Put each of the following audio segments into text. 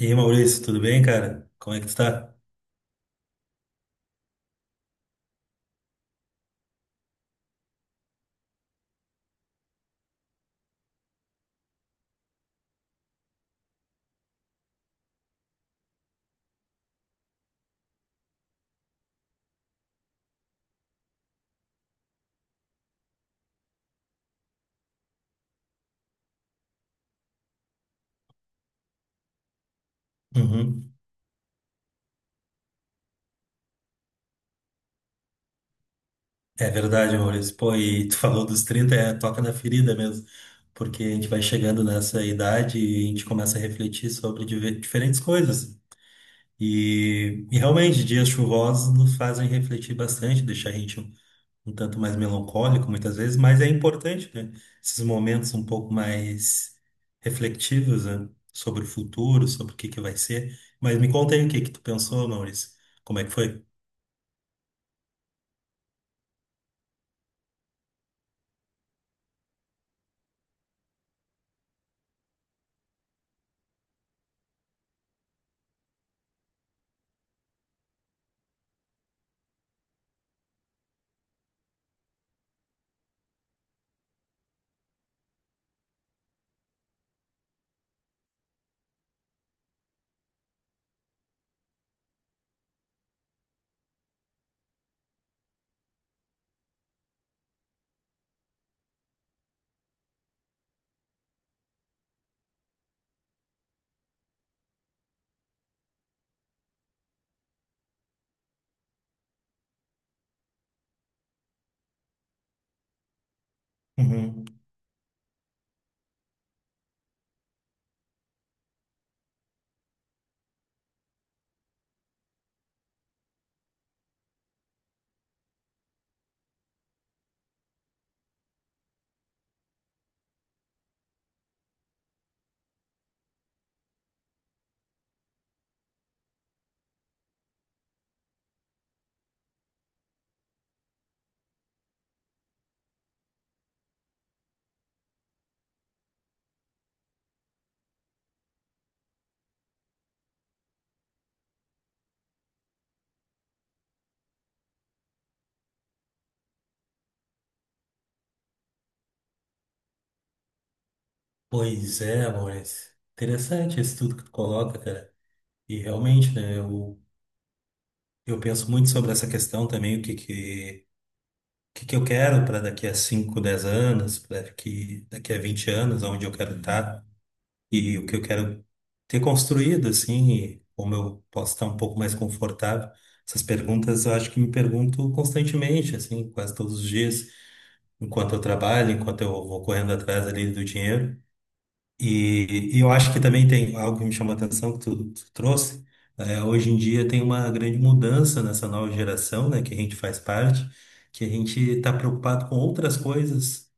E aí, Maurício, tudo bem, cara? Como é que tu tá? Uhum. É verdade, Maurício. Pô, e tu falou dos 30, é toca na ferida mesmo, porque a gente vai chegando nessa idade e a gente começa a refletir sobre diferentes coisas. E realmente, dias chuvosos nos fazem refletir bastante, deixar a gente um tanto mais melancólico muitas vezes, mas é importante, né? Esses momentos um pouco mais reflexivos, né? Sobre o futuro, sobre o que que vai ser. Mas me conta aí o que que tu pensou, Maurício. Como é que foi? Uhum. Pois é, Maurício. Interessante isso tudo que tu coloca, cara. E realmente, eu penso muito sobre essa questão também, o que que eu quero para daqui a 5, 10 anos, para daqui a 20 anos, onde eu quero estar, e o que eu quero ter construído, assim, e como eu posso estar um pouco mais confortável. Essas perguntas eu acho que me pergunto constantemente, assim, quase todos os dias, enquanto eu trabalho, enquanto eu vou correndo atrás ali do dinheiro. E eu acho que também tem algo que me chamou a atenção que tu trouxe. É, hoje em dia tem uma grande mudança nessa nova geração, né, que a gente faz parte, que a gente está preocupado com outras coisas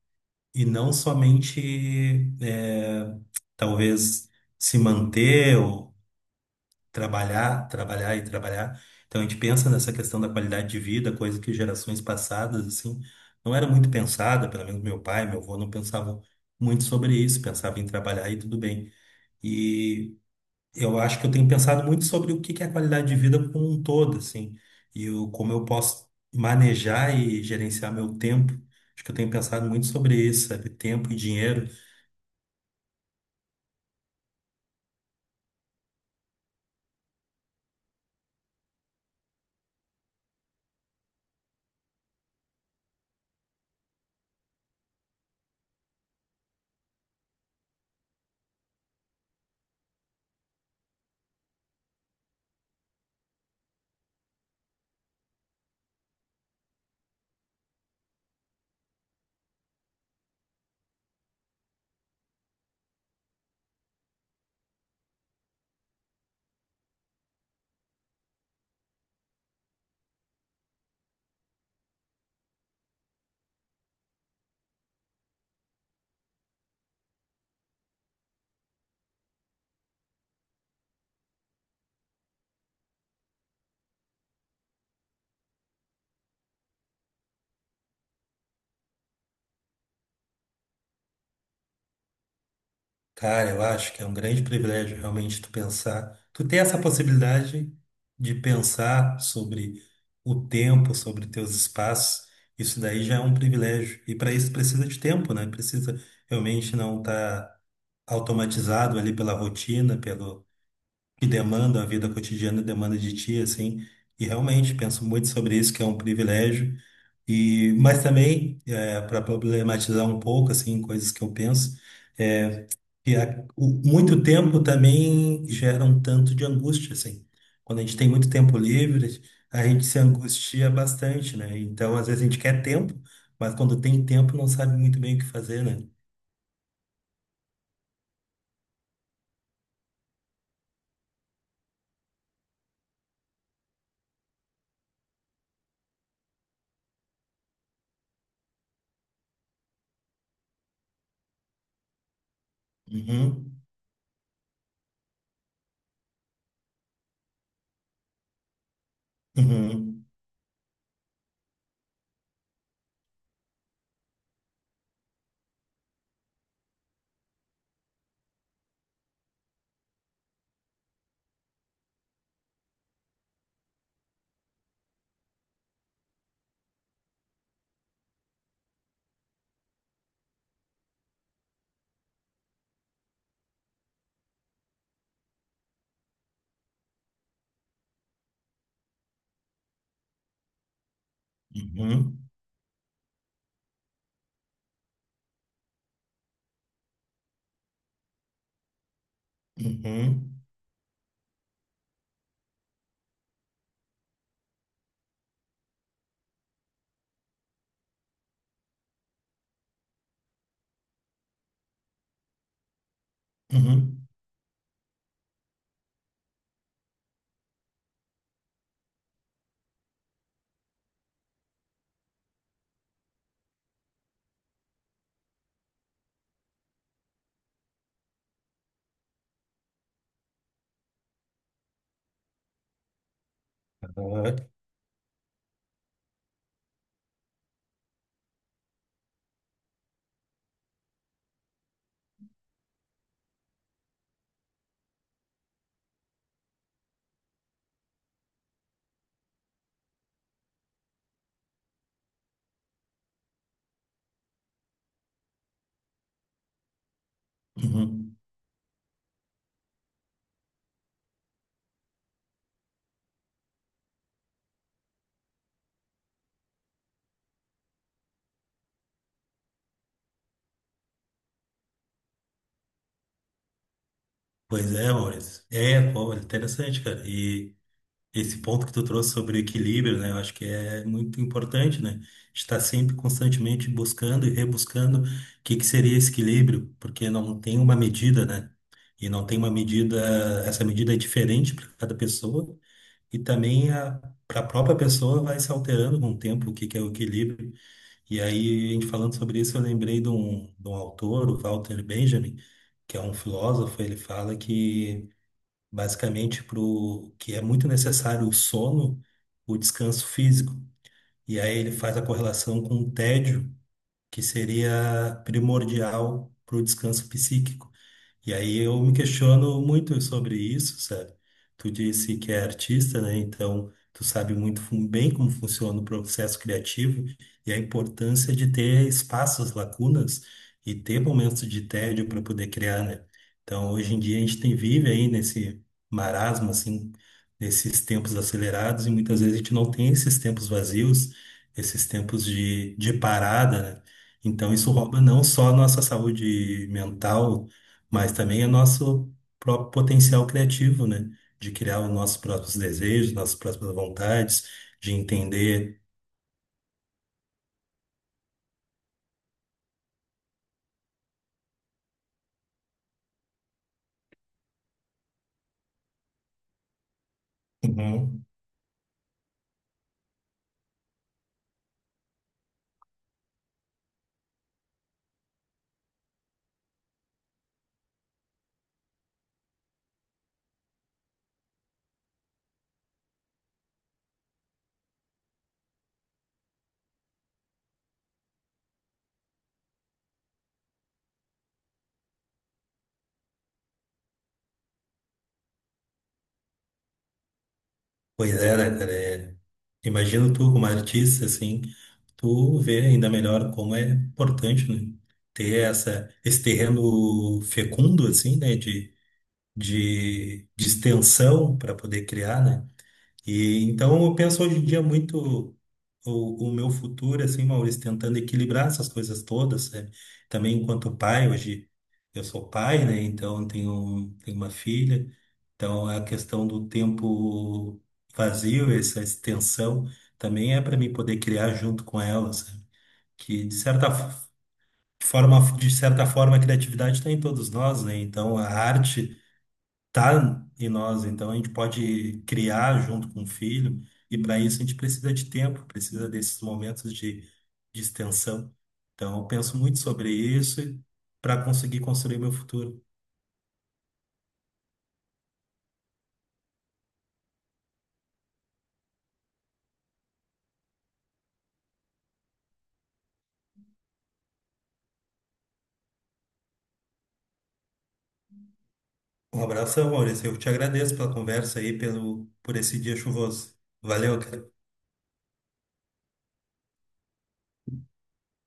e não somente, é, talvez, se manter ou trabalhar, e trabalhar. Então a gente pensa nessa questão da qualidade de vida, coisa que gerações passadas, assim, não era muito pensada, pelo menos meu pai, meu avô não pensavam muito sobre isso, pensava em trabalhar e tudo bem. E eu acho que eu tenho pensado muito sobre o que que é a qualidade de vida como um todo, assim, e como eu posso manejar e gerenciar meu tempo. Acho que eu tenho pensado muito sobre isso, sabe? Tempo e dinheiro. Cara, eu acho que é um grande privilégio realmente tu pensar, tu ter essa possibilidade de pensar sobre o tempo, sobre teus espaços. Isso daí já é um privilégio. E para isso precisa de tempo, né? Precisa realmente não estar automatizado ali pela rotina, pelo que demanda, a vida cotidiana demanda de ti, assim. E realmente penso muito sobre isso, que é um privilégio. E, mas também, para problematizar um pouco, assim, coisas que eu penso, é muito tempo também gera um tanto de angústia, assim. Quando a gente tem muito tempo livre, a gente se angustia bastante, né? Então, às vezes a gente quer tempo, mas quando tem tempo não sabe muito bem o que fazer, né? Uhum, uhum, uhum, uhum, uhum, uhum, uhum. Pois é, Maurício. É, pô, interessante, cara. E esse ponto que tu trouxe sobre equilíbrio, né? Eu acho que é muito importante, né? Estar sempre constantemente buscando e rebuscando o que que seria esse equilíbrio, porque não tem uma medida, né? E não tem uma medida, essa medida é diferente para cada pessoa e também a para a própria pessoa vai se alterando com o tempo o que que é o equilíbrio. E aí, a gente falando sobre isso, eu lembrei de um autor, o Walter Benjamin, que é um filósofo, ele fala que basicamente para o que é muito necessário o sono, o descanso físico. E aí ele faz a correlação com o tédio, que seria primordial para o descanso psíquico. E aí eu me questiono muito sobre isso, sabe? Tu disse que é artista, né? Então tu sabe muito bem como funciona o processo criativo e a importância de ter espaços, lacunas e ter momentos de tédio para poder criar, né? Então hoje em dia a gente tem vive aí nesse marasmo, assim, nesses tempos acelerados e muitas vezes a gente não tem esses tempos vazios, esses tempos de parada, né? Então isso rouba não só a nossa saúde mental mas também é nosso próprio potencial criativo, né? De criar os nossos próprios desejos, nossas próprias vontades, de entender. Uhum. Pois é, né, cara? É, imagino tu como artista, assim, tu vê ainda melhor como é importante, né? Ter esse terreno fecundo, assim, né? De extensão para poder criar, né? E então eu penso hoje em dia muito o meu futuro, assim, Maurício, tentando equilibrar essas coisas todas, né? Também enquanto pai, hoje eu sou pai, né? Então eu tenho uma filha, então a questão do tempo vazio, essa extensão, também é para mim poder criar junto com ela, sabe? Que forma, de certa forma, a criatividade está em todos nós, né? Então a arte tá em nós, então a gente pode criar junto com o filho, e para isso a gente precisa de tempo, precisa desses momentos de extensão. Então, eu penso muito sobre isso para conseguir construir meu futuro. Um abração, Maurício. Eu te agradeço pela conversa aí, pelo, por esse dia chuvoso. Valeu, cara.